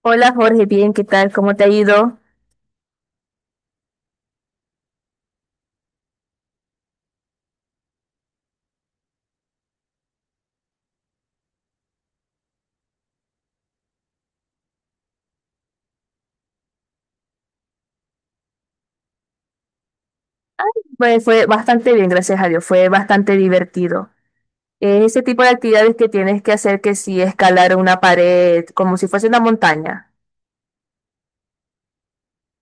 Hola Jorge, bien, ¿qué tal? ¿Cómo te ha ido? Pues fue bastante bien, gracias a Dios, fue bastante divertido. Es ese tipo de actividades que tienes que hacer, que si escalar una pared como si fuese una montaña.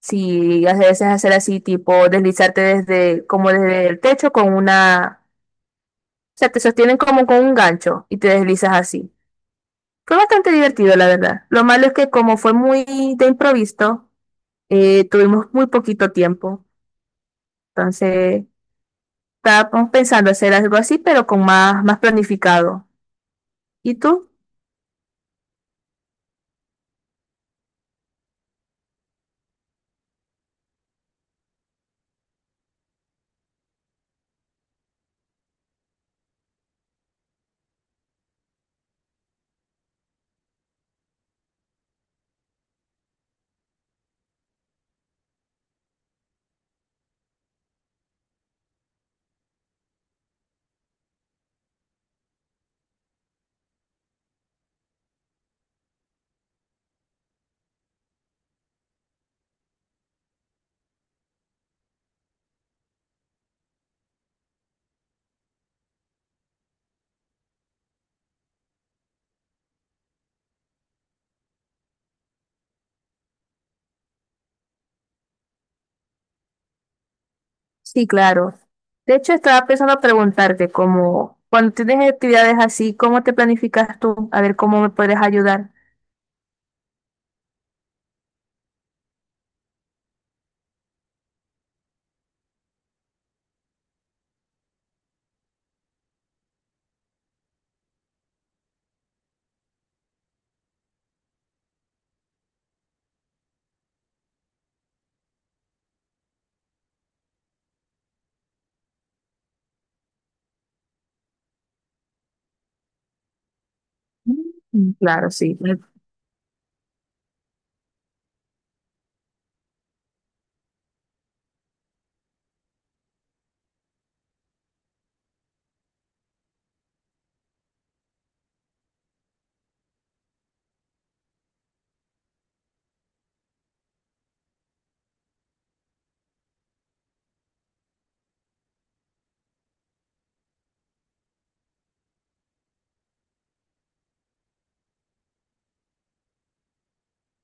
Si a veces hacer así, tipo deslizarte desde, como desde el techo con una, o sea, te sostienen como con un gancho y te deslizas así. Fue bastante divertido, la verdad. Lo malo es que como fue muy de improviso, tuvimos muy poquito tiempo. Entonces... Estábamos pensando hacer algo así, pero con más planificado. ¿Y tú? Sí, claro. De hecho, estaba pensando preguntarte cómo, cuando tienes actividades así, ¿cómo te planificas tú? A ver cómo me puedes ayudar. Mm, claro, sí. Me-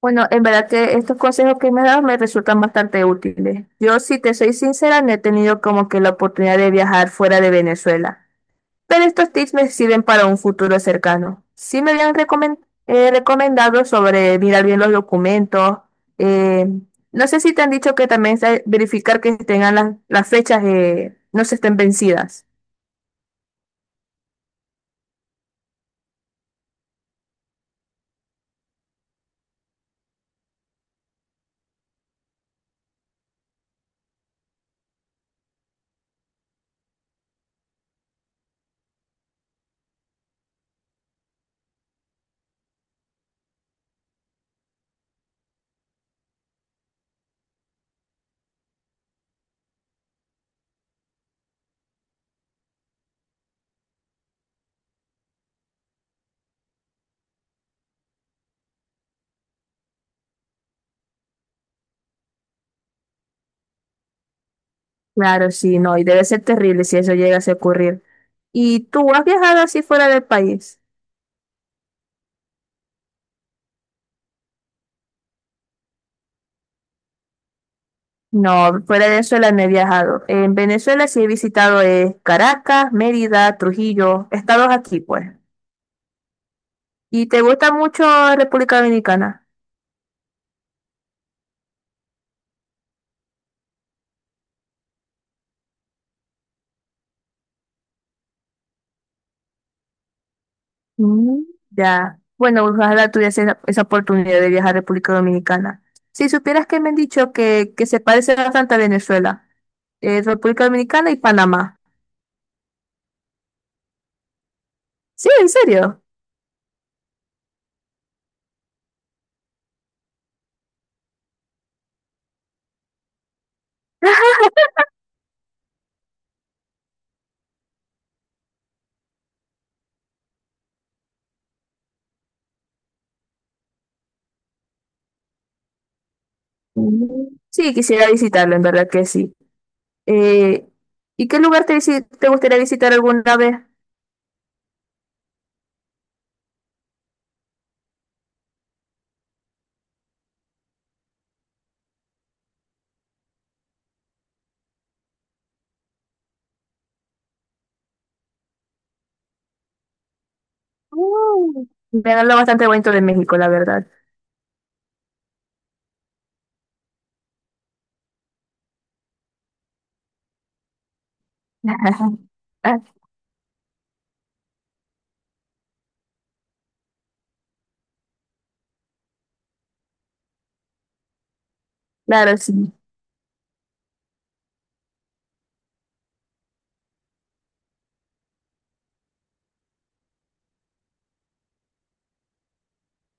Bueno, en verdad que estos consejos que me has dado me resultan bastante útiles. Yo, si te soy sincera, no he tenido como que la oportunidad de viajar fuera de Venezuela. Pero estos tips me sirven para un futuro cercano. Sí me habían recomen- recomendado sobre mirar bien los documentos. eh, no sé si te han dicho que también se- verificar que tengan las fechas, no se estén vencidas. Claro, sí, no, y debe ser terrible si eso llegase a ocurrir. ¿Y tú has viajado así fuera del país? No, fuera de Venezuela no he viajado. En Venezuela sí he visitado Caracas, Mérida, Trujillo, estados aquí, pues. ¿Y te gusta mucho República Dominicana? Mm, ya. Bueno, ojalá tuviese esa oportunidad de viajar a República Dominicana. Si supieras que me han dicho que se parece bastante a Venezuela, República Dominicana y Panamá. Sí, en serio. Mm. Sí, quisiera visitarlo, en verdad que sí. Eh, ¿Y qué lugar te, visi- te gustaría visitar alguna vez? Mm, me han hablado bastante bonito de México, la verdad. Claro, sí.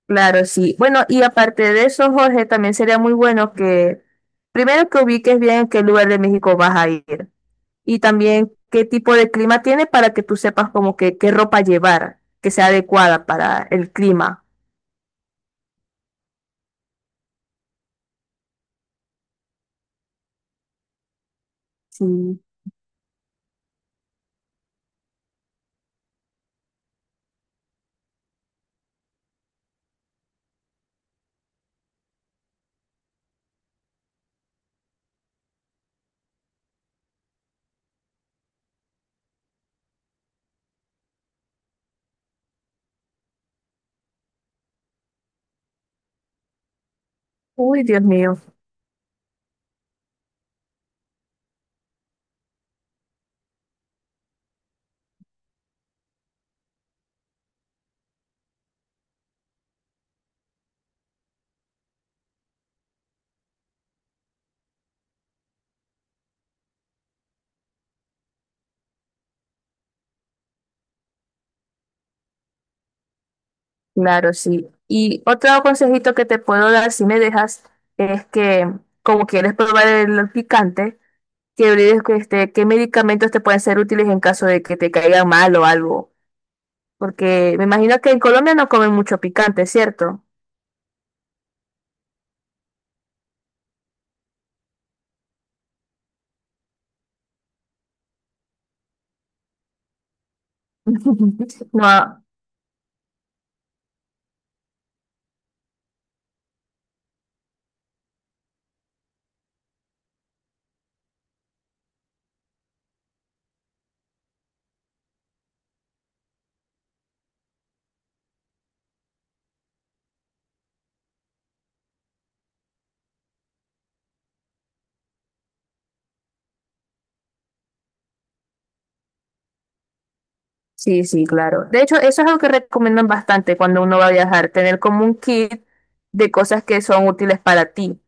Claro, sí. Bueno, y aparte de eso, Jorge, también sería muy bueno que primero que ubiques bien en qué lugar de México vas a ir, y también qué tipo de clima tiene, para que tú sepas como que qué ropa llevar, que sea adecuada para el clima. Sí. Uy, Dios mío. Claro, sí. Y otro consejito que te puedo dar, si me dejas, es que como quieres probar el picante, que olvides que, este, qué medicamentos te pueden ser útiles en caso de que te caigan mal o algo. Porque me imagino que en Colombia no comen mucho picante, ¿cierto? No, sí, sí, claro. De hecho, eso es algo que recomiendan bastante cuando uno va a viajar, tener como un kit de cosas que son útiles para ti.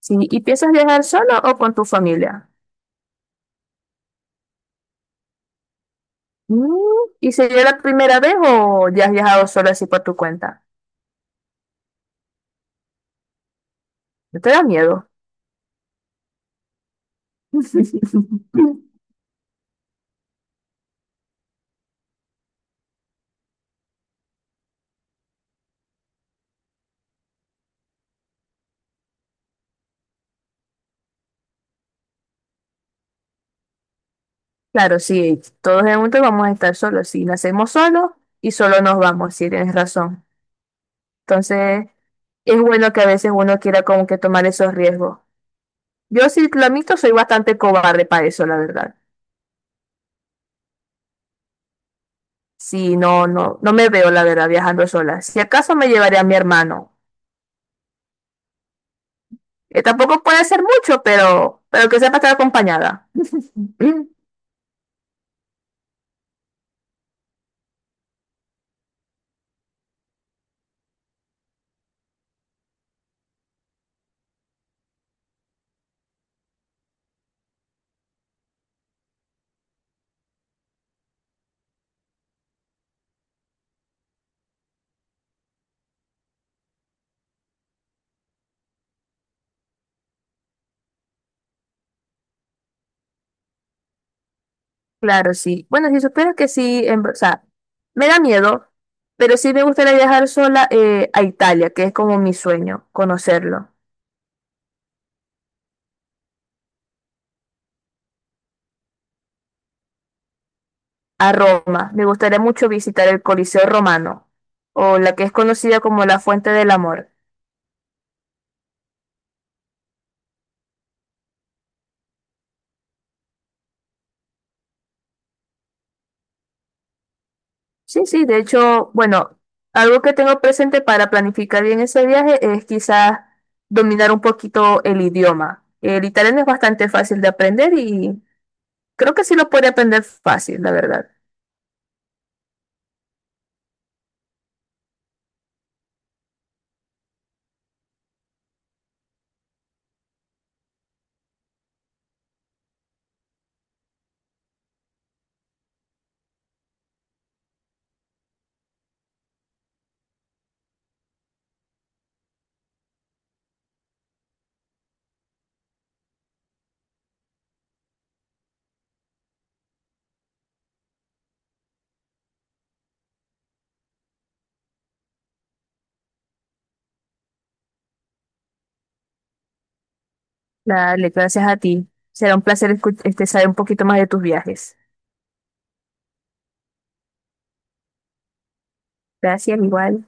Sí, ¿y piensas viajar solo o con tu familia? Mm, ¿y sería la primera vez o ya has viajado solo así por tu cuenta? ¿No te da miedo? Claro, sí, todos en un momento vamos a estar solos. Si nacemos solos y solo nos vamos, sí, tienes razón. Entonces, es bueno que a veces uno quiera como que tomar esos riesgos. Yo sí, lo admito, soy bastante cobarde para eso, la verdad. Sí, no, no, no me veo, la verdad, viajando sola. Si acaso me llevaré a mi hermano, que tampoco puede ser mucho, pero que sepa estar acompañada. Mm, claro, sí. Bueno, si supieras que sí, en ver- o sea, me da miedo, pero sí me gustaría viajar sola a Italia, que es como mi sueño, conocerlo. A Roma. Me gustaría mucho visitar el Coliseo Romano, o la que es conocida como la Fuente del Amor. Sí, sí, de hecho, bueno, algo que tengo presente para planificar bien ese viaje es quizás dominar un poquito el idioma. El italiano es bastante fácil de aprender y creo que sí lo puede aprender fácil, la verdad. Dale, gracias a ti. Será un placer escu- este, saber un poquito más de tus viajes. Gracias, igual.